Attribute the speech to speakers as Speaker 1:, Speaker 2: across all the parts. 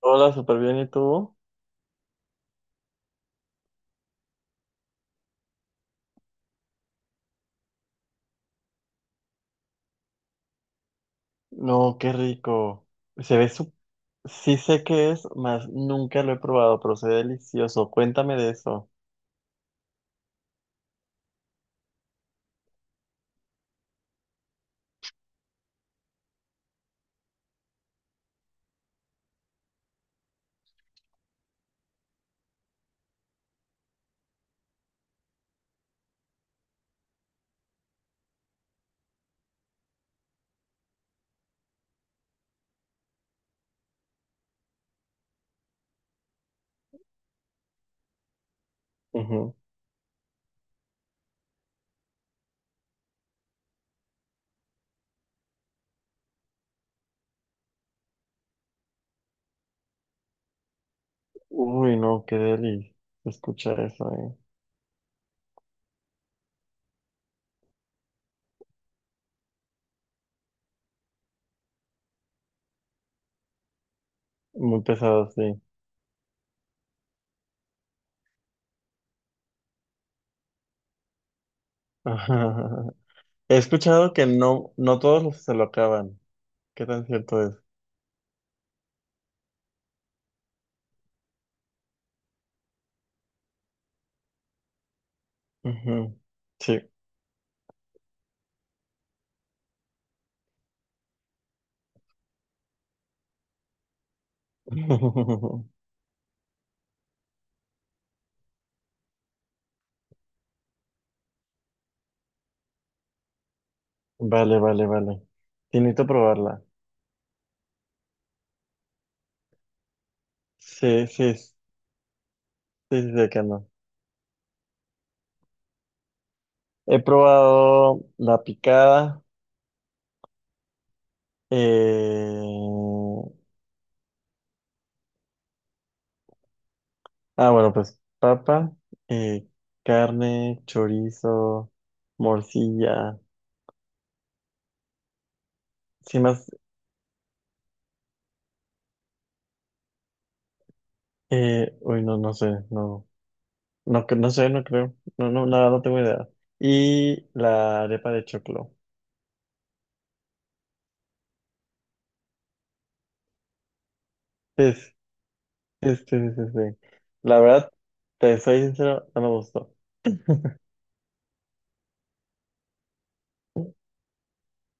Speaker 1: Hola, súper bien, ¿y tú? No, qué rico. Se ve su... Sí sé qué es, mas nunca lo he probado, pero se ve delicioso. Cuéntame de eso. Ujú. Uy, no, qué deli. Escucha eso, eh. Muy pesado, sí. He escuchado que no, no todos los se lo acaban. ¿Qué tan cierto es? Ujú. Sí. Vale, vale, vale. Sí, necesito probarla. Sí, sí, sí, sí, sé que no. He probado la picada. Eh, ah, bueno, pues papa, eh, carne, chorizo, morcilla. Sin más, uy, no, no sé, no, no, no sé, no creo, no, no, nada, no tengo idea. Y la arepa de choclo. Sí, sí, sí, sí, sí, sí. La verdad, te soy sincero, no me gustó.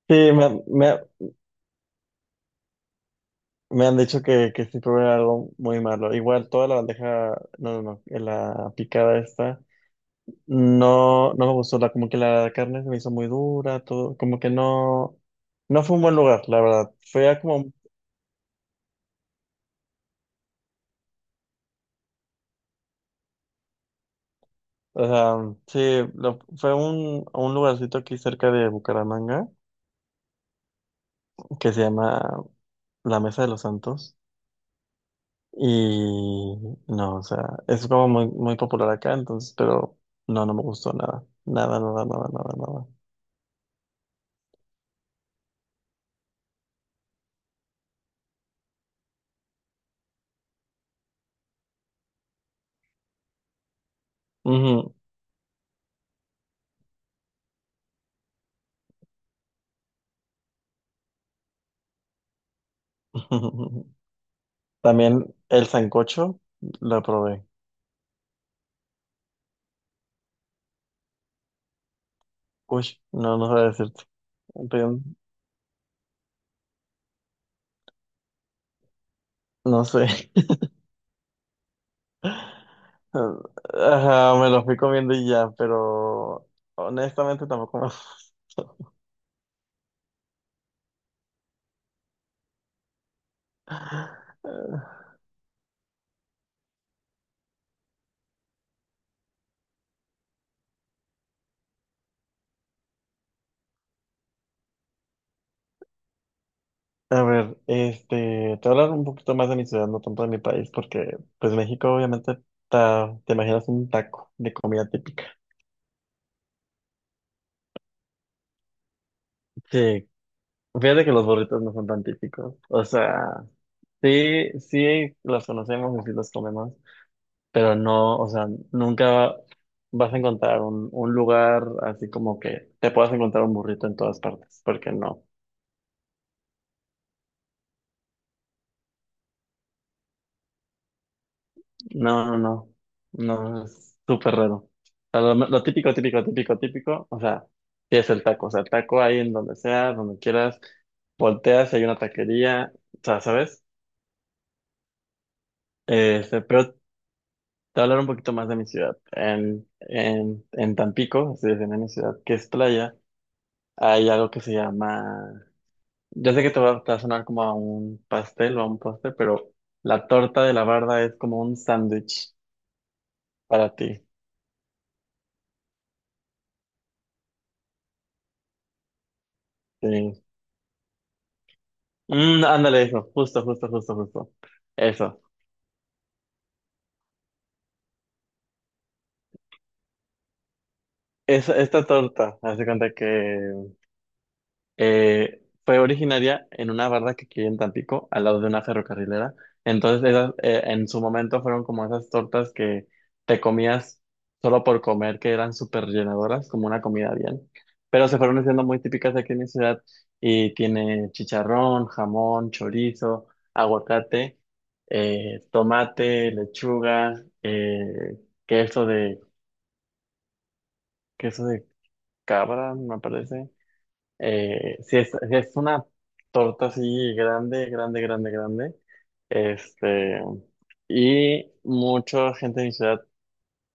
Speaker 1: Sí, me han dicho que sí probé algo muy malo. Igual, toda la bandeja, no, no, no, la picada esta. No, no me gustó la, como que la carne se me hizo muy dura, todo, como que no, no fue un buen lugar, la verdad. Fue a como, o sea, sí, fue a un lugarcito aquí cerca de Bucaramanga que se llama La Mesa de los Santos y no, o sea, es como muy, muy popular acá, entonces, pero no, no me gustó nada, nada, nada, nada, nada, nada. Ujú. También el sancocho lo probé. Uy, no, no sabía decirte. No sé. Ajá, me lo fui comiendo y ya, pero honestamente tampoco me gustó. A ver, este, te voy a hablar un poquito más de mi ciudad, no tanto de mi país, porque pues México obviamente te imaginas un taco de comida típica. Sí, fíjate que los burritos no son tan típicos. O sea, sí, sí los conocemos y sí los comemos, pero no, o sea, nunca vas a encontrar un lugar así como que te puedas encontrar un burrito en todas partes, porque no, no, no, no, no, es súper raro. O sea, lo típico, típico, típico, típico, o sea, sí es el taco, o sea, el taco ahí en donde sea, donde quieras, volteas, si hay una taquería, o sea, ¿sabes? Este, pero te voy a hablar un poquito más de mi ciudad. En Tampico, así es, en mi ciudad, que es playa, hay algo que se llama. Yo sé que te va a sonar como a un pastel o a un postre, pero la torta de la barda es como un sándwich para ti. Sí. Mm, ándale, eso, justo, justo, justo, justo. Eso. Esta torta, hace cuenta que fue originaria en una barra que aquí en Tampico, al lado de una ferrocarrilera. Entonces, en su momento fueron como esas tortas que te comías solo por comer, que eran súper llenadoras, como una comida bien. Pero se fueron haciendo muy típicas aquí en mi ciudad y tiene chicharrón, jamón, chorizo, aguacate, tomate, lechuga, queso de, queso de cabra, me parece. Si es una torta así grande, grande, grande, grande. Este, y mucha gente de mi ciudad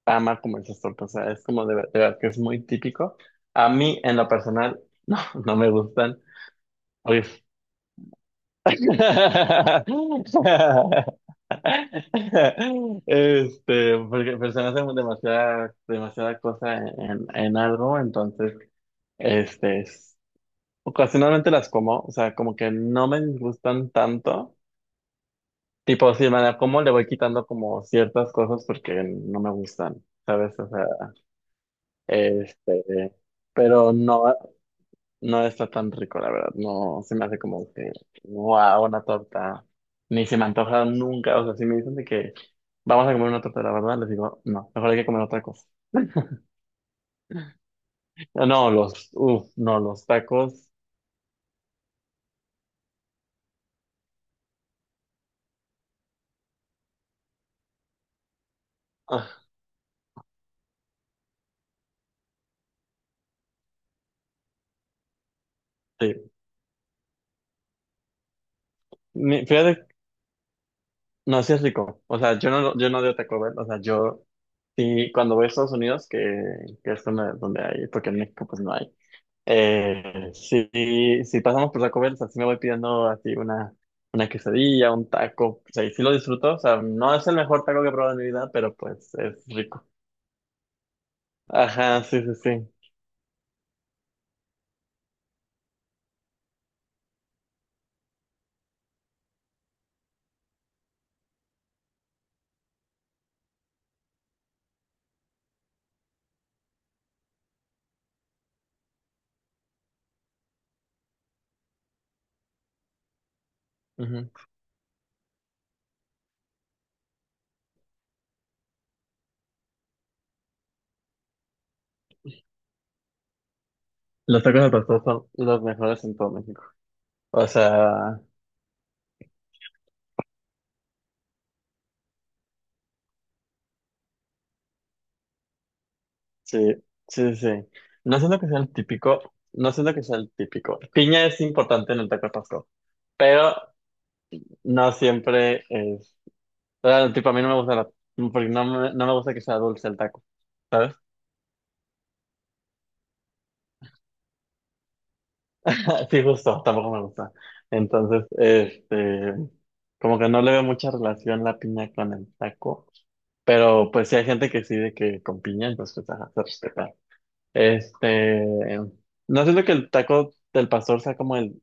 Speaker 1: ama comer esas tortas. O sea, es como de verdad que es muy típico. A mí, en lo personal, no, no me gustan. Oye. Este, porque personas se demasiada, demasiada cosa en algo, entonces, este, ocasionalmente las como, o sea, como que no me gustan tanto. Tipo, si me la como, le voy quitando como ciertas cosas porque no me gustan, ¿sabes? O sea, este, pero no, no está tan rico, la verdad. No se me hace como que, wow, una torta. Ni se me antoja nunca. O sea, si me dicen de que vamos a comer una torta, la verdad, les digo, no, mejor hay que comer otra cosa. No, los, uff, no, los tacos. Ah, sí. Fíjate. No, sí es rico. O sea, yo no de Taco Bell. O sea, yo sí, cuando voy a Estados Unidos, que es donde hay, porque en México pues no hay. Sí, si pasamos por Taco Bell, o sea, sí me voy pidiendo así una quesadilla, un taco. O sea, y sí lo disfruto. O sea, no es el mejor taco que he probado en mi vida, pero pues es rico. Ajá, sí, sí, sí. Ujú. Los tacos al pastor son los mejores en todo México. O sea, sí, sí, sí, sí. No siento que sea el típico, no siento que sea el típico. Piña es importante en el taco de pastor, pero no siempre es. O sea, tipo, a mí no me gusta la, porque no me gusta que sea dulce el taco, ¿sabes? Sí, justo, tampoco me gusta. Entonces, este, como que no le veo mucha relación la piña con el taco, pero pues sí hay gente que sí de que con piña, entonces pues, ajá, se respeta. Este, no siento que el taco del pastor sea como el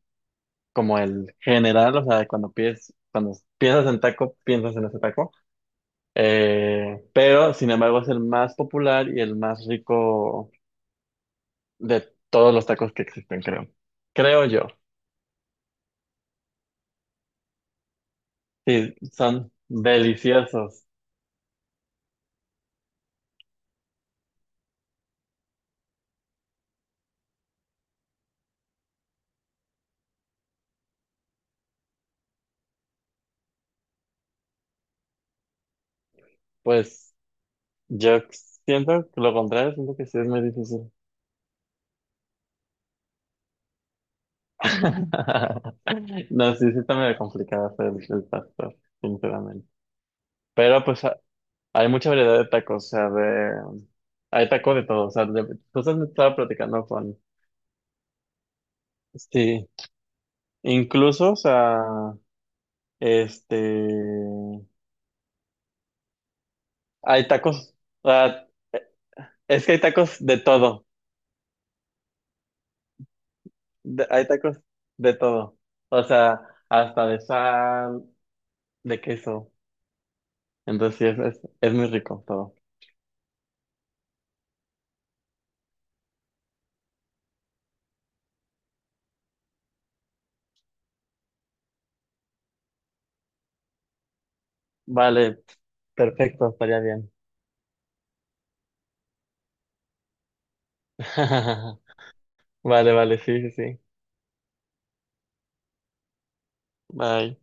Speaker 1: como el general, o sea, cuando piensas en taco, piensas en ese taco. Pero, sin embargo, es el más popular y el más rico de todos los tacos que existen, creo. Creo yo. Sí, son deliciosos. Pues yo siento que lo contrario, siento que sí es muy difícil. No, sí, sí está medio complicado hacer el pastor, sinceramente. Pero pues hay mucha variedad de tacos, o sea, de. Hay tacos de todo, o sea, de. Entonces me estaba platicando con. Sí, incluso, o sea, este. Hay tacos, o sea, es que hay tacos de todo, hay tacos de todo, o sea, hasta de sal, de queso, entonces sí, es muy rico todo. Vale, perfecto, estaría bien. Vale, vale, sí, sí, sí. Bye.